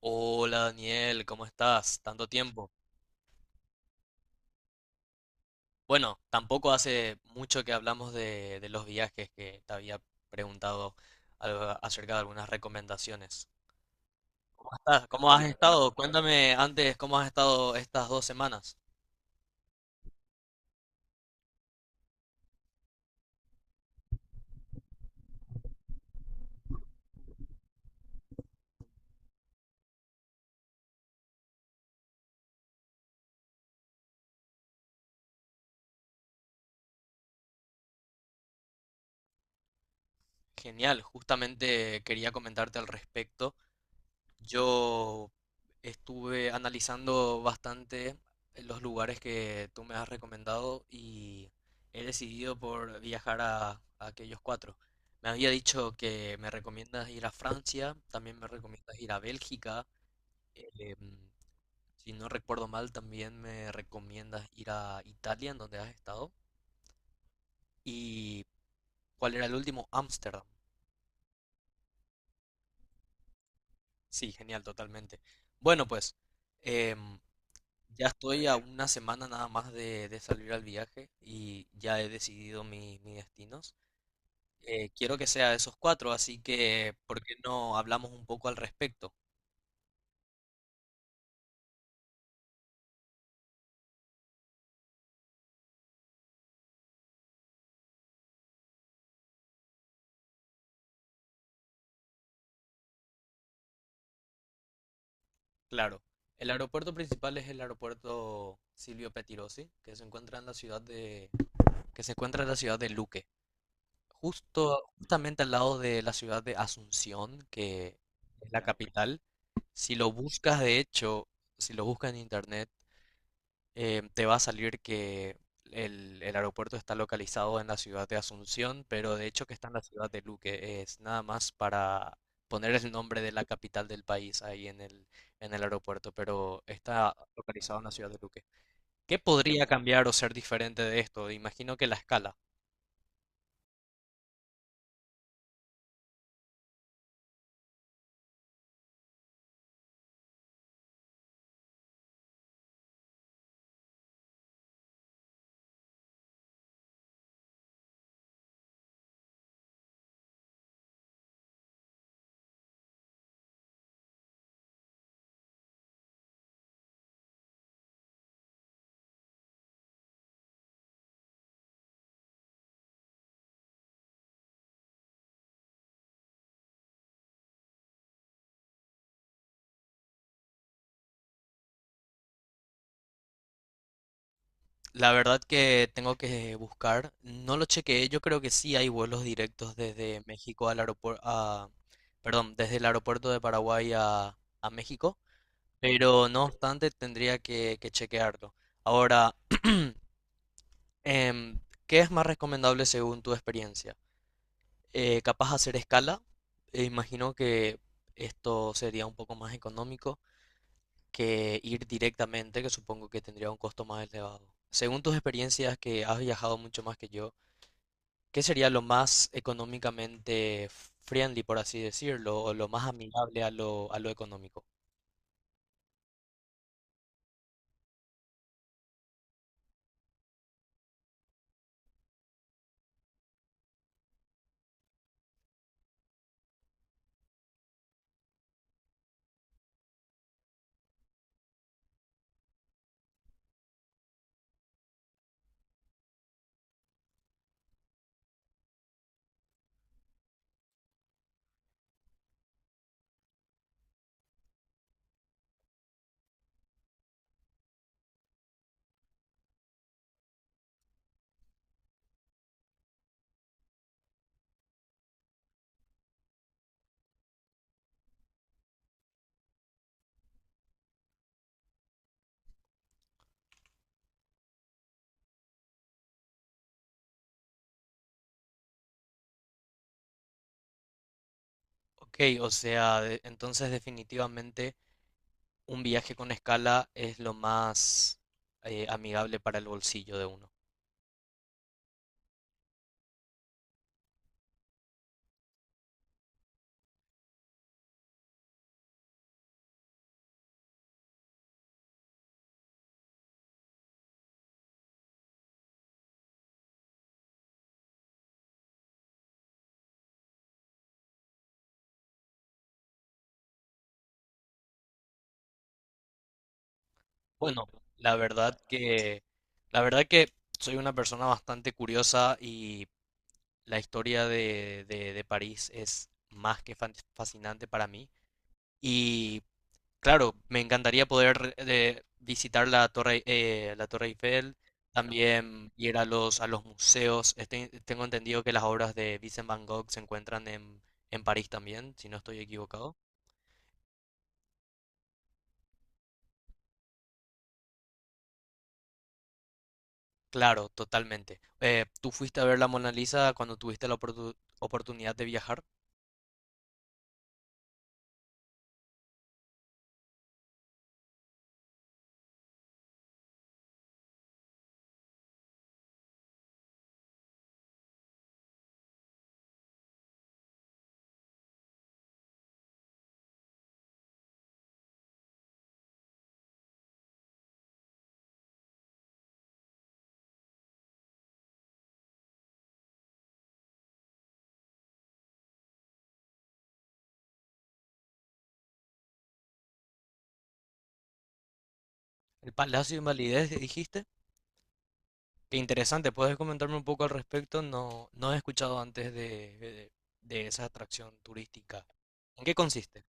Hola Daniel, ¿cómo estás? Tanto tiempo. Bueno, tampoco hace mucho que hablamos de los viajes que te había preguntado algo acerca de algunas recomendaciones. ¿Cómo estás? ¿Cómo has estado? Cuéntame antes cómo has estado estas dos semanas. Genial, justamente quería comentarte al respecto. Yo estuve analizando bastante los lugares que tú me has recomendado y he decidido por viajar a aquellos cuatro. Me había dicho que me recomiendas ir a Francia, también me recomiendas ir a Bélgica, em, si no recuerdo mal, también me recomiendas ir a Italia, en donde has estado. ¿Y cuál era el último? Ámsterdam. Sí, genial, totalmente. Bueno, pues, em, ya estoy a una semana nada más de salir al viaje y ya he decidido mis destinos. Quiero que sea esos cuatro, así que ¿por qué no hablamos un poco al respecto? Claro, el aeropuerto principal es el aeropuerto Silvio Pettirossi, que se encuentra en la ciudad de, que se encuentra en la ciudad de Luque, justamente al lado de la ciudad de Asunción, que es la capital. Si lo buscas, de hecho, si lo buscas en internet, te va a salir que el aeropuerto está localizado en la ciudad de Asunción, pero de hecho que está en la ciudad de Luque. Es nada más para poner el nombre de la capital del país ahí en el aeropuerto, pero está localizado en la ciudad de Luque. ¿Qué podría cambiar o ser diferente de esto? Imagino que la escala. La verdad que tengo que buscar. No lo chequeé. Yo creo que sí hay vuelos directos desde México al aeropuerto, a, perdón, desde el aeropuerto de Paraguay a México. Pero no obstante tendría que chequearlo. Ahora, em, ¿qué es más recomendable según tu experiencia? ¿Capaz hacer escala? Imagino que esto sería un poco más económico que ir directamente, que supongo que tendría un costo más elevado. Según tus experiencias, que has viajado mucho más que yo, ¿qué sería lo más económicamente friendly, por así decirlo, o lo más amigable a lo económico? Ok, o sea, entonces definitivamente un viaje con escala es lo más amigable para el bolsillo de uno. Bueno, la verdad que, la verdad que soy una persona bastante curiosa y la historia de París es más que fascinante para mí. Y claro, me encantaría poder visitar la Torre Eiffel, también ir a a los museos. Tengo entendido que las obras de Vincent Van Gogh se encuentran en París también, si no estoy equivocado. Claro, totalmente. ¿Tú fuiste a ver la Mona Lisa cuando tuviste la oportunidad de viajar? El Palacio de Invalidez, dijiste. Qué interesante, ¿puedes comentarme un poco al respecto? No, no he escuchado antes de esa atracción turística. ¿En qué consiste?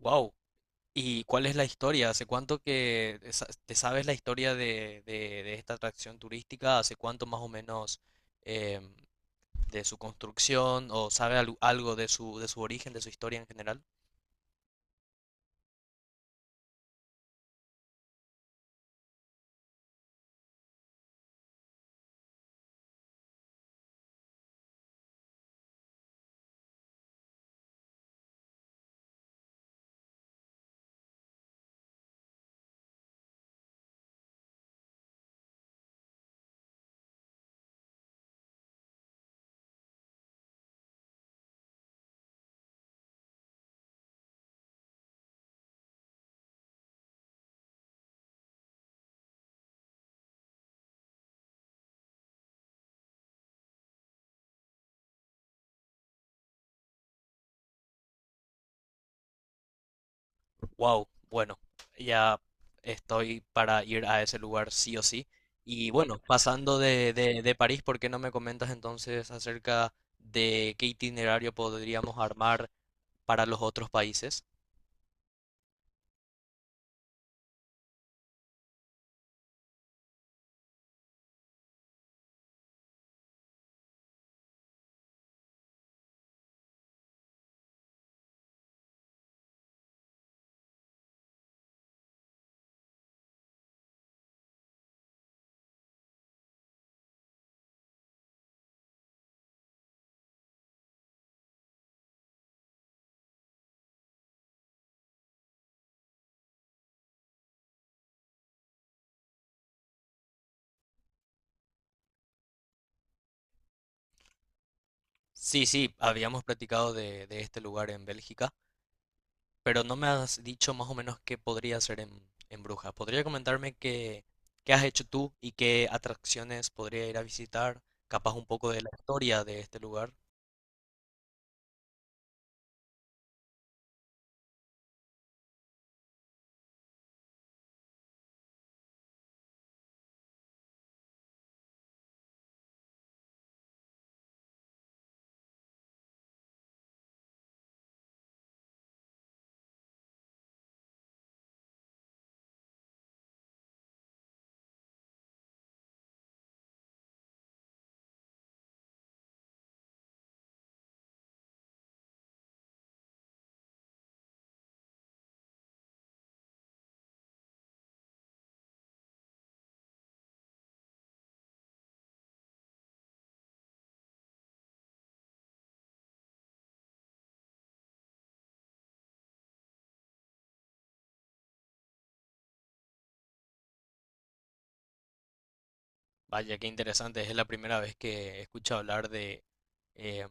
Wow. ¿Y cuál es la historia? ¿Hace cuánto que te sabes la historia de esta atracción turística? ¿Hace cuánto más o menos em, de su construcción? ¿O sabe algo algo de su origen, de su historia en general? Wow, bueno, ya estoy para ir a ese lugar sí o sí. Y bueno, pasando de París, ¿por qué no me comentas entonces acerca de qué itinerario podríamos armar para los otros países? Sí, sí, habíamos platicado de este lugar en Bélgica, pero no me has dicho más o menos qué podría ser en Brujas. ¿Podría comentarme qué has hecho tú y qué atracciones podría ir a visitar? Capaz un poco de la historia de este lugar. Vaya, qué interesante. Es la primera vez que escucho hablar de eh,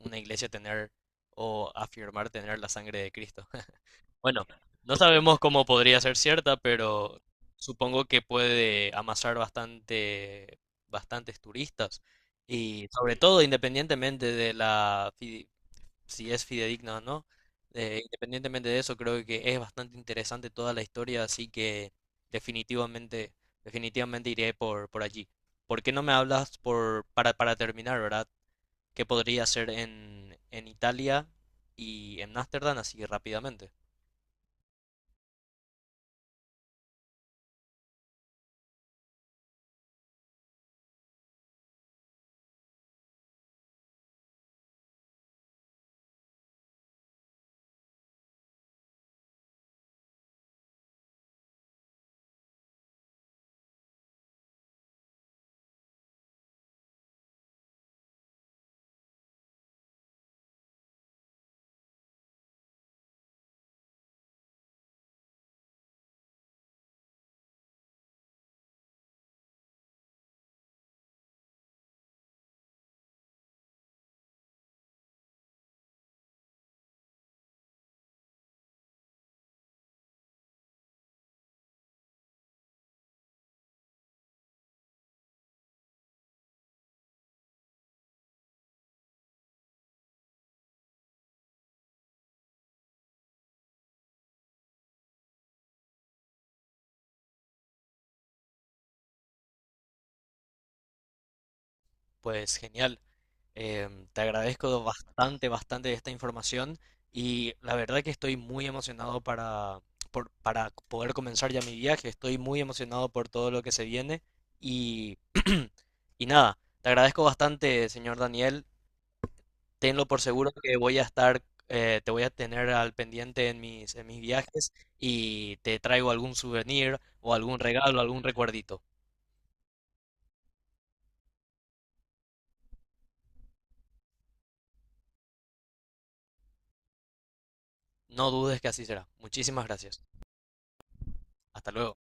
una iglesia tener o afirmar tener la sangre de Cristo. Bueno, no sabemos cómo podría ser cierta, pero supongo que puede amasar bastante, bastantes turistas. Y sobre todo, independientemente de la si es fidedigna o no. Independientemente de eso, creo que es bastante interesante toda la historia, así que definitivamente, definitivamente iré por allí. ¿Por qué no me hablas por, para terminar, ¿verdad? ¿Qué podría hacer en Italia y en Ámsterdam así rápidamente? Pues genial. Te agradezco bastante, bastante esta información y la verdad que estoy muy emocionado para, para poder comenzar ya mi viaje. Estoy muy emocionado por todo lo que se viene y, y nada, te agradezco bastante, señor Daniel. Tenlo por seguro que voy a estar, te voy a tener al pendiente en mis viajes y te traigo algún souvenir o algún regalo, algún recuerdito. No dudes que así será. Muchísimas gracias. Hasta luego.